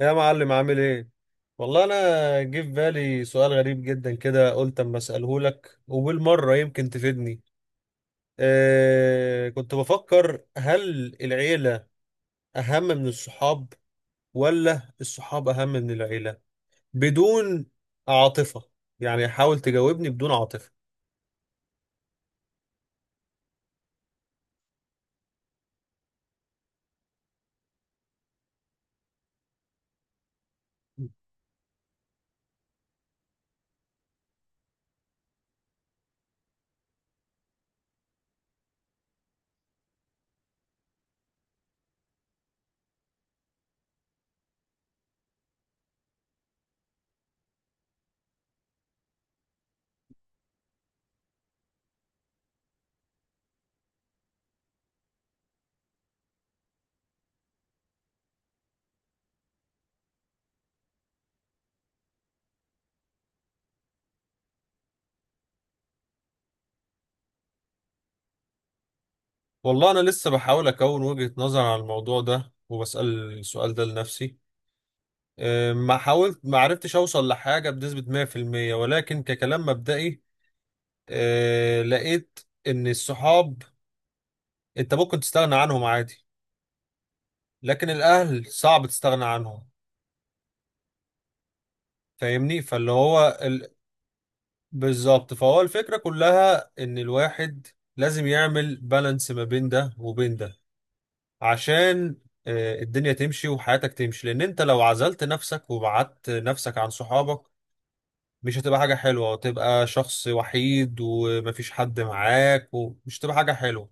يا معلم عامل ايه؟ والله انا جه في بالي سؤال غريب جدا كده قلت اما اساله لك وبالمره يمكن تفيدني. كنت بفكر هل العيله اهم من الصحاب ولا الصحاب اهم من العيله؟ بدون عاطفه، يعني حاول تجاوبني بدون عاطفه. والله انا لسه بحاول اكون وجهه نظر على الموضوع ده وبسال السؤال ده لنفسي. ما حاولت ما عرفتش اوصل لحاجه بنسبه 100%، ولكن ككلام مبدئي لقيت ان الصحاب انت ممكن تستغنى عنهم عادي، لكن الاهل صعب تستغنى عنهم. فاهمني، فاللي هو ال... بالظبط، فهو الفكرة كلها ان الواحد لازم يعمل بالانس ما بين ده وبين ده، عشان الدنيا تمشي وحياتك تمشي، لان انت لو عزلت نفسك وبعدت نفسك عن صحابك مش هتبقى حاجة حلوة، وتبقى شخص وحيد ومفيش حد معاك، ومش هتبقى حاجة حلوة.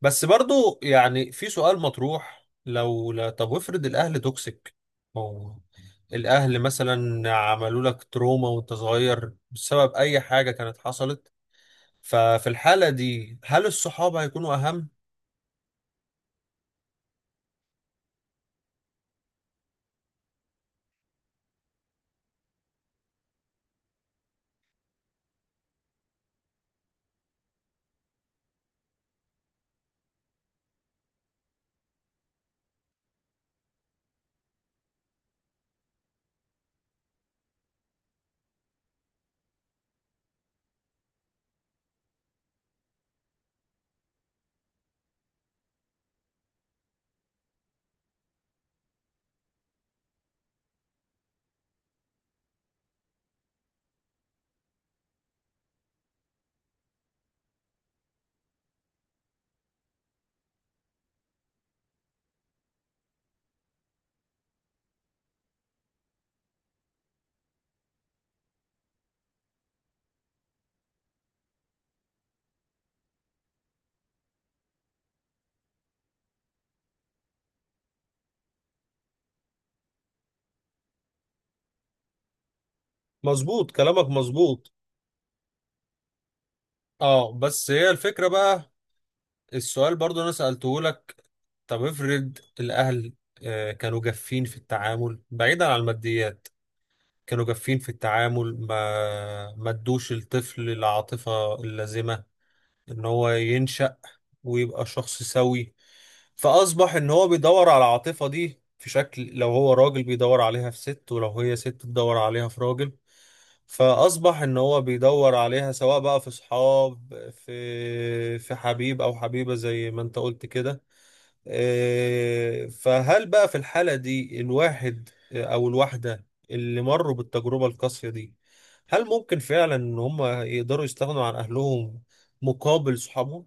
بس برضو يعني في سؤال مطروح لو لا، طب افرض الاهل توكسيك او الاهل مثلا عملوا لك تروما وانت صغير بسبب اي حاجه كانت حصلت، ففي الحاله دي هل الصحاب هيكونوا اهم؟ مظبوط كلامك مظبوط. اه بس هي الفكره بقى، السؤال برضو انا سالته لك. طب افرض الاهل كانوا جافين في التعامل بعيدا عن الماديات، كانوا جافين في التعامل ما ادوش الطفل العاطفة اللازمة ان هو ينشأ ويبقى شخص سوي، فأصبح ان هو بيدور على العاطفة دي في شكل، لو هو راجل بيدور عليها في ست، ولو هي ست بتدور عليها في راجل. فأصبح ان هو بيدور عليها سواء بقى في صحاب، في حبيب او حبيبة زي ما انت قلت كده. فهل بقى في الحالة دي الواحد، أو الواحدة اللي مروا بالتجربة القاسية دي، هل ممكن فعلا إن هم يقدروا يستغنوا عن أهلهم مقابل صحابهم؟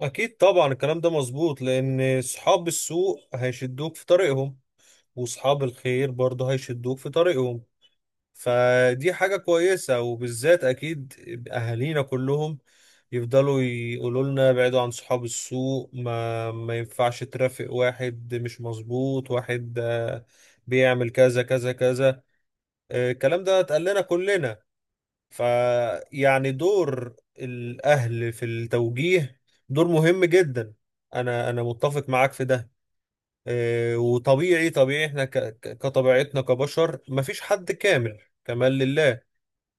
أكيد طبعا الكلام ده مظبوط، لأن صحاب السوء هيشدوك في طريقهم، وصحاب الخير برضه هيشدوك في طريقهم. فدي حاجة كويسة، وبالذات أكيد أهالينا كلهم يفضلوا يقولوا لنا بعيدوا عن صحاب السوق، ما ينفعش ترافق واحد مش مظبوط، واحد بيعمل كذا كذا كذا. الكلام ده اتقال لنا كلنا، فيعني دور الأهل في التوجيه دور مهم جدا. أنا متفق معاك في ده. وطبيعي طبيعي احنا كطبيعتنا كبشر مفيش حد كامل، كمال لله.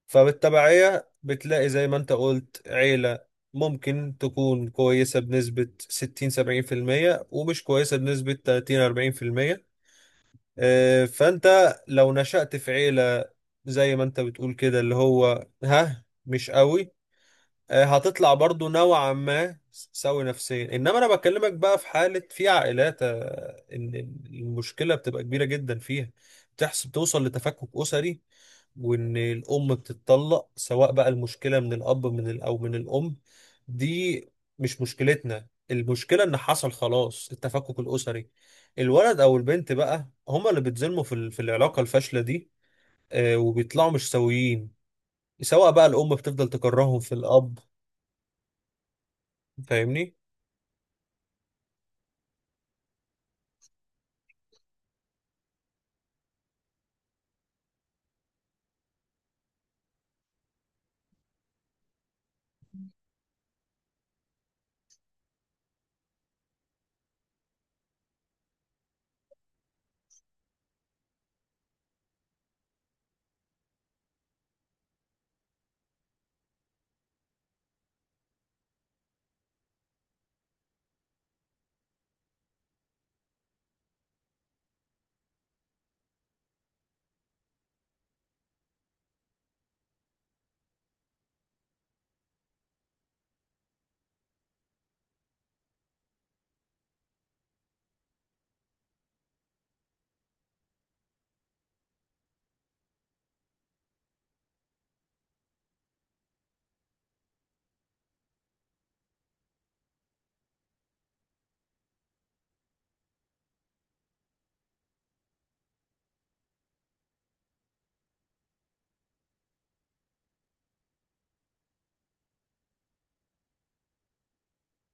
فبالتبعية بتلاقي زي ما انت قلت عيلة ممكن تكون كويسة بنسبة 60 70%، ومش كويسة بنسبة 30 40%. فانت لو نشأت في عيلة زي ما انت بتقول كده اللي هو ها مش قوي، هتطلع برضو نوعا ما سوي نفسيا. انما انا بكلمك بقى في حالة، في عائلات ان المشكلة بتبقى كبيرة جدا فيها، بتحصل توصل لتفكك أسري، وان الام بتتطلق. سواء بقى المشكله من الاب من او من الام، دي مش مشكلتنا. المشكله ان حصل خلاص التفكك الاسري، الولد او البنت بقى هما اللي بيتظلموا في في العلاقه الفاشله دي. وبيطلعوا مش سويين، سواء بقى الام بتفضل تكرههم في الاب. فاهمني.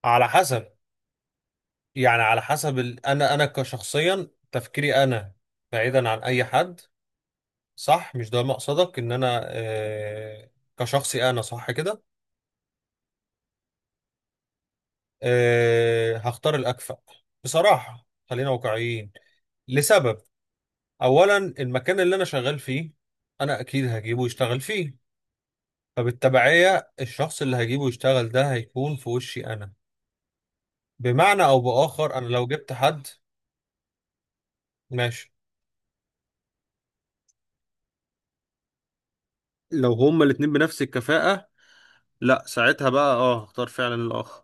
على حسب، يعني على حسب ال... انا كشخصيا تفكيري انا بعيدا عن اي حد، صح؟ مش ده مقصدك ان انا كشخصي انا، صح كده؟ أه هختار الأكفأ بصراحة، خلينا واقعيين. لسبب، أولا المكان اللي أنا شغال فيه أنا أكيد هجيبه يشتغل فيه، فبالتبعية الشخص اللي هجيبه يشتغل ده هيكون في وشي أنا، بمعنى أو بآخر أنا لو جبت حد. ماشي. لو هما الاتنين بنفس الكفاءة، لا ساعتها بقى اه هختار فعلا الآخر.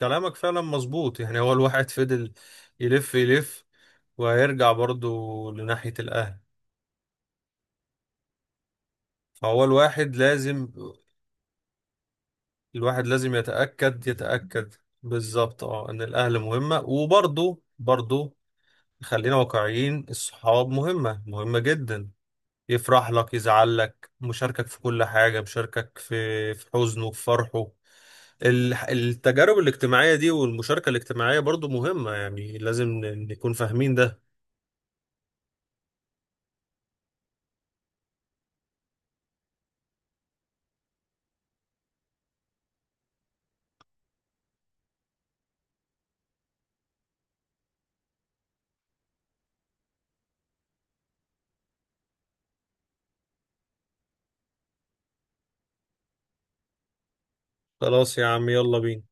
كلامك فعلا مظبوط، يعني هو الواحد فضل يلف يلف وهيرجع برضه لناحية الأهل، فهو الواحد لازم، الواحد لازم يتأكد يتأكد. بالظبط اه ان الاهل مهمة، وبرضه برضه خلينا واقعيين الصحاب مهمة مهمة جدا، يفرح لك يزعل لك مشاركك في كل حاجة، مشاركك في حزنه في فرحه. التجارب الاجتماعية دي والمشاركة الاجتماعية برضه مهمة، يعني لازم نكون فاهمين ده. خلاص يا عم يلا بينا.